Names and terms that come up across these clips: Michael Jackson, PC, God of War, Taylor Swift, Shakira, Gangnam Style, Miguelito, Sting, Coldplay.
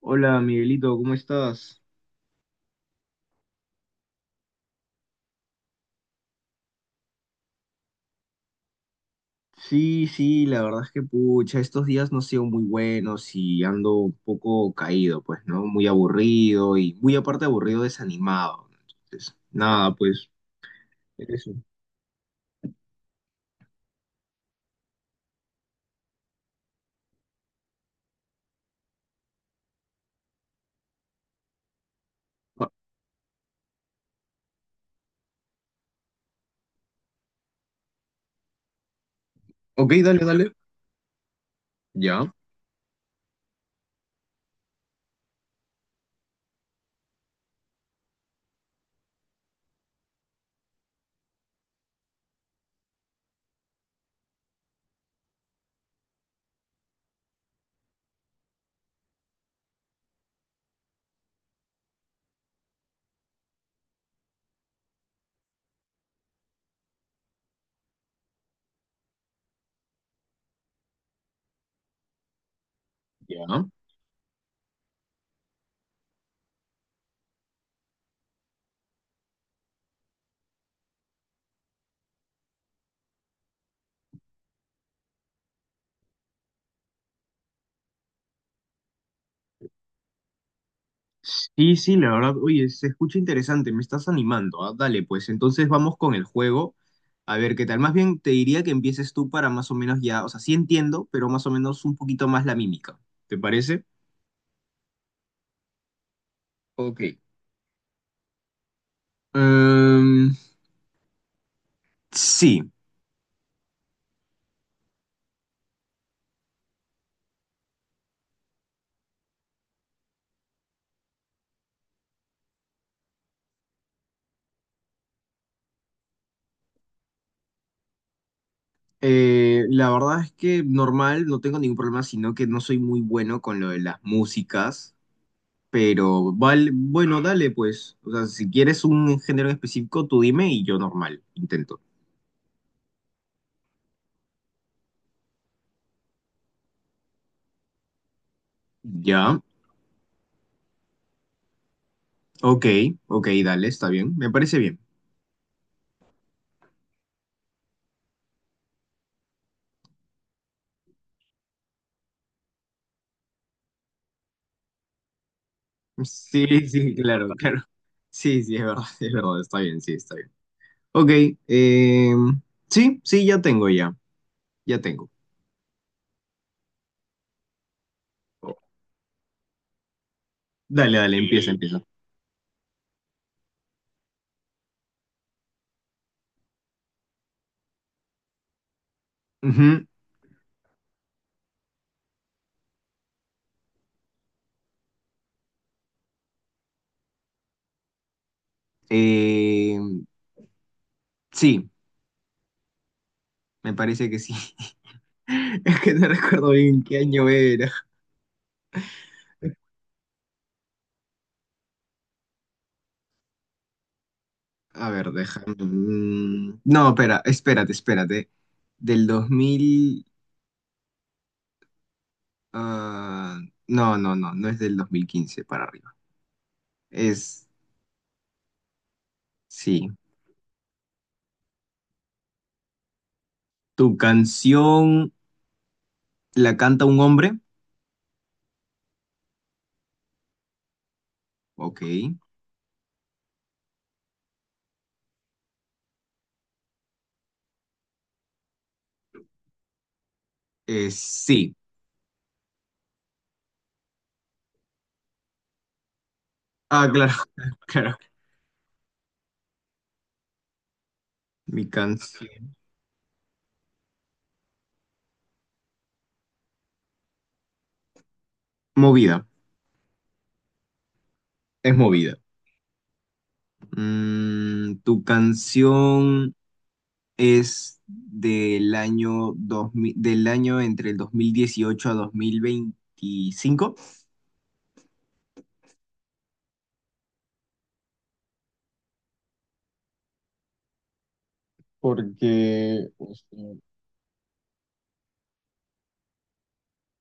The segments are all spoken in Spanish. Hola Miguelito, ¿cómo estás? Sí, sí, la verdad es que pucha, estos días no han sido muy buenos y ando un poco caído, pues, ¿no? Muy aburrido y muy aparte aburrido, desanimado. Entonces, nada, pues, eso. Ah, ok, dale, dale. Ya, ya. Sí, sí, la verdad, oye, se escucha interesante, me estás animando, dale, pues, entonces vamos con el juego. A ver, ¿qué tal? Más bien te diría que empieces tú para más o menos ya, o sea, sí entiendo, pero más o menos un poquito más la mímica. ¿Te parece? Ok. Em, sí, la verdad es que normal, no tengo ningún problema, sino que no soy muy bueno con lo de las músicas, pero vale, bueno, dale pues. O sea, si quieres un género en específico, tú dime y yo normal, intento. Ya, ok, ok, dale, está bien, me parece bien. Sí, sí, claro, claro. Sí, sí, es verdad, es verdad, está bien, sí, está bien. Ok, em, sí, sí, ya tengo. Dale, dale, empieza, y empieza. Ujú. Eh, sí, me parece que sí. Es que no recuerdo bien qué año era. A ver, déjame. No, espera, espérate. Del 2000. Ah, no, no, no, no es del 2015 para arriba. Es, sí. ¿Tu canción la canta un hombre? Ok. Sí. Ah, claro, claro. Mi canción. Movida, es movida. ¿Tu canción es del año 2000 del año entre el 2018 a 2025? Porque,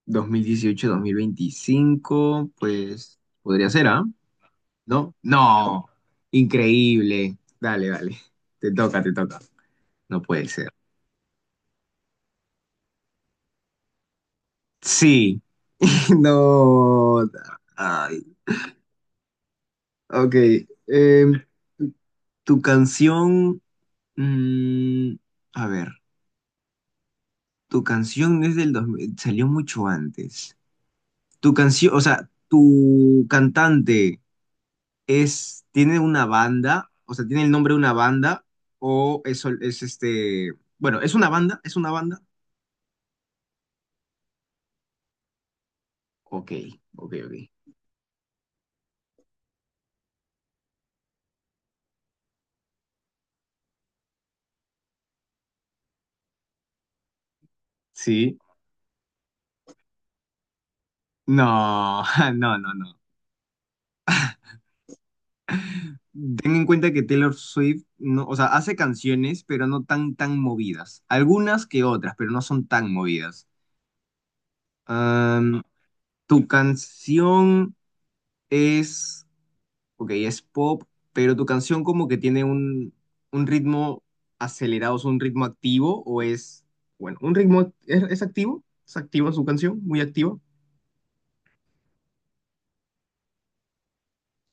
2018 a 2025 pues podría ser, ¿ah? ¿No? No, increíble. Dale, dale. Te toca, te toca. No puede ser. Sí, no. Ay, ok. eh, tu canción, mm, a ver, tu canción es del 2000, salió mucho antes. Tu canción, o sea, tu cantante es, tiene una banda, o sea, tiene el nombre de una banda, o es, sol- es este, bueno, es una banda, es una banda. Ok, ok, ok. Sí. No, no, no, no. Ten en cuenta que Taylor Swift, no, o sea, hace canciones, pero no tan, tan movidas. Algunas que otras, pero no son tan movidas. Am, tu canción es ok, es pop, pero tu canción como que tiene un ritmo acelerado, es un ritmo activo o es, bueno, un ritmo, es activo? ¿Es activa su canción? ¿Muy activa?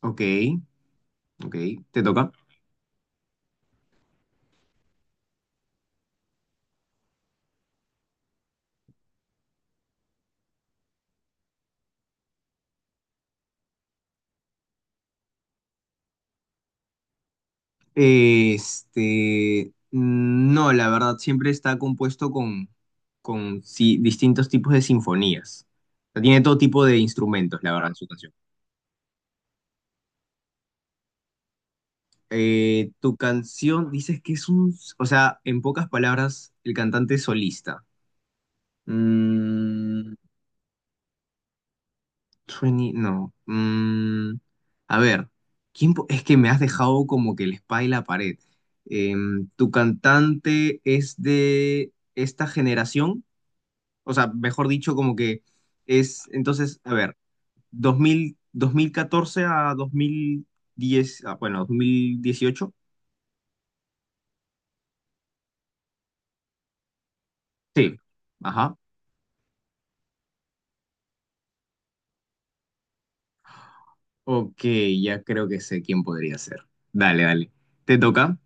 Ok, ok, te toca. No, la verdad, siempre está compuesto con sí, distintos tipos de sinfonías. O sea, tiene todo tipo de instrumentos, la verdad, su canción. Tu canción, dices que es un, o sea, en pocas palabras, el cantante es solista. Mm, 20, no. A ver, ¿quién po- es que me has dejado como que el spa y la pared. ¿Tu cantante es de esta generación? O sea, mejor dicho, como que es, entonces, a ver, 2014 a 2010, ah, bueno, 2018. Sí, ajá. Ok, ya creo que sé quién podría ser. Dale, dale. ¿Te toca?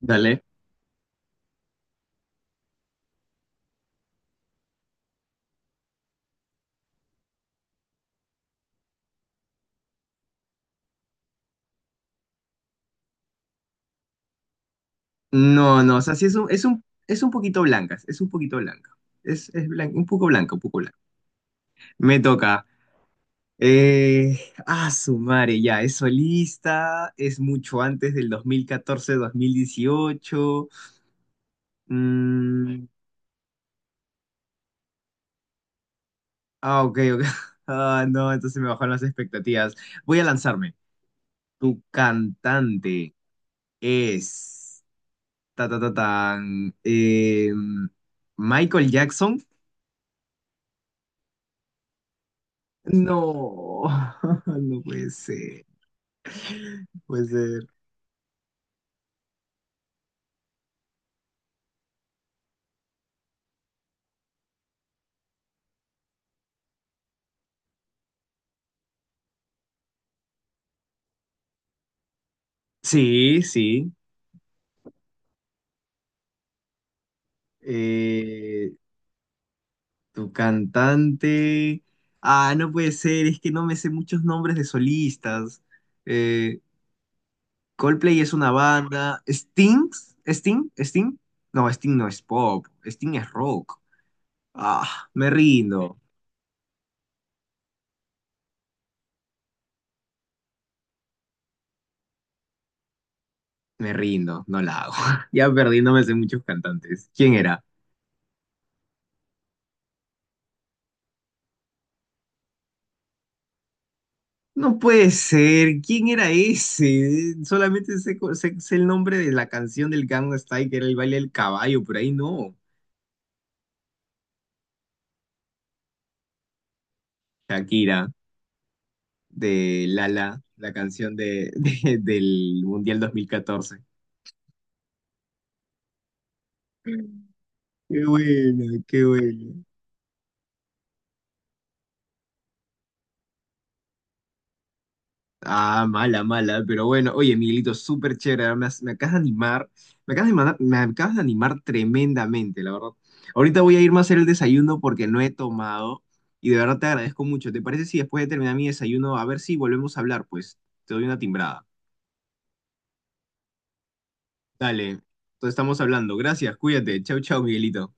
Dale. No, no, o sea, es un poquito blanca, es un poquito blanca. Un poco blanca, un poco blanca. Me toca. Eh, ya, es solista, es mucho antes del 2014-2018. Mm, ah, ok, ok. Ah, no, entonces me bajaron las expectativas. Voy a lanzarme. Tu cantante es... Ta, ta, ta, tan, Michael Jackson. No, no puede ser. Puede ser. Sí, sí. Eh, tu cantante. Ah, no puede ser, es que no me sé muchos nombres de solistas. Eh, Coldplay es una banda. ¿Sting? ¿Sting? ¿Sting? No, Sting no es pop. Sting es rock. Ah, me rindo. Me rindo, no la hago. Ya perdí, no me sé muchos cantantes. ¿Quién era? No puede ser, ¿quién era ese? Solamente sé, co- sé- sé el nombre de la canción del Gangnam Style, que era el baile del caballo, por ahí no. Shakira, de Lala, la canción de, del Mundial 2014. Qué bueno, qué bueno. Ah, mala, mala, pero bueno, oye, Miguelito, súper chévere, me acabas de animar, me acabas de animar tremendamente, la verdad. Ahorita voy a irme a hacer el desayuno porque no he tomado y de verdad te agradezco mucho. ¿Te parece si después de terminar mi desayuno, a ver si volvemos a hablar? Pues te doy una timbrada. Dale, entonces estamos hablando. Gracias, cuídate. Chau, chau, Miguelito.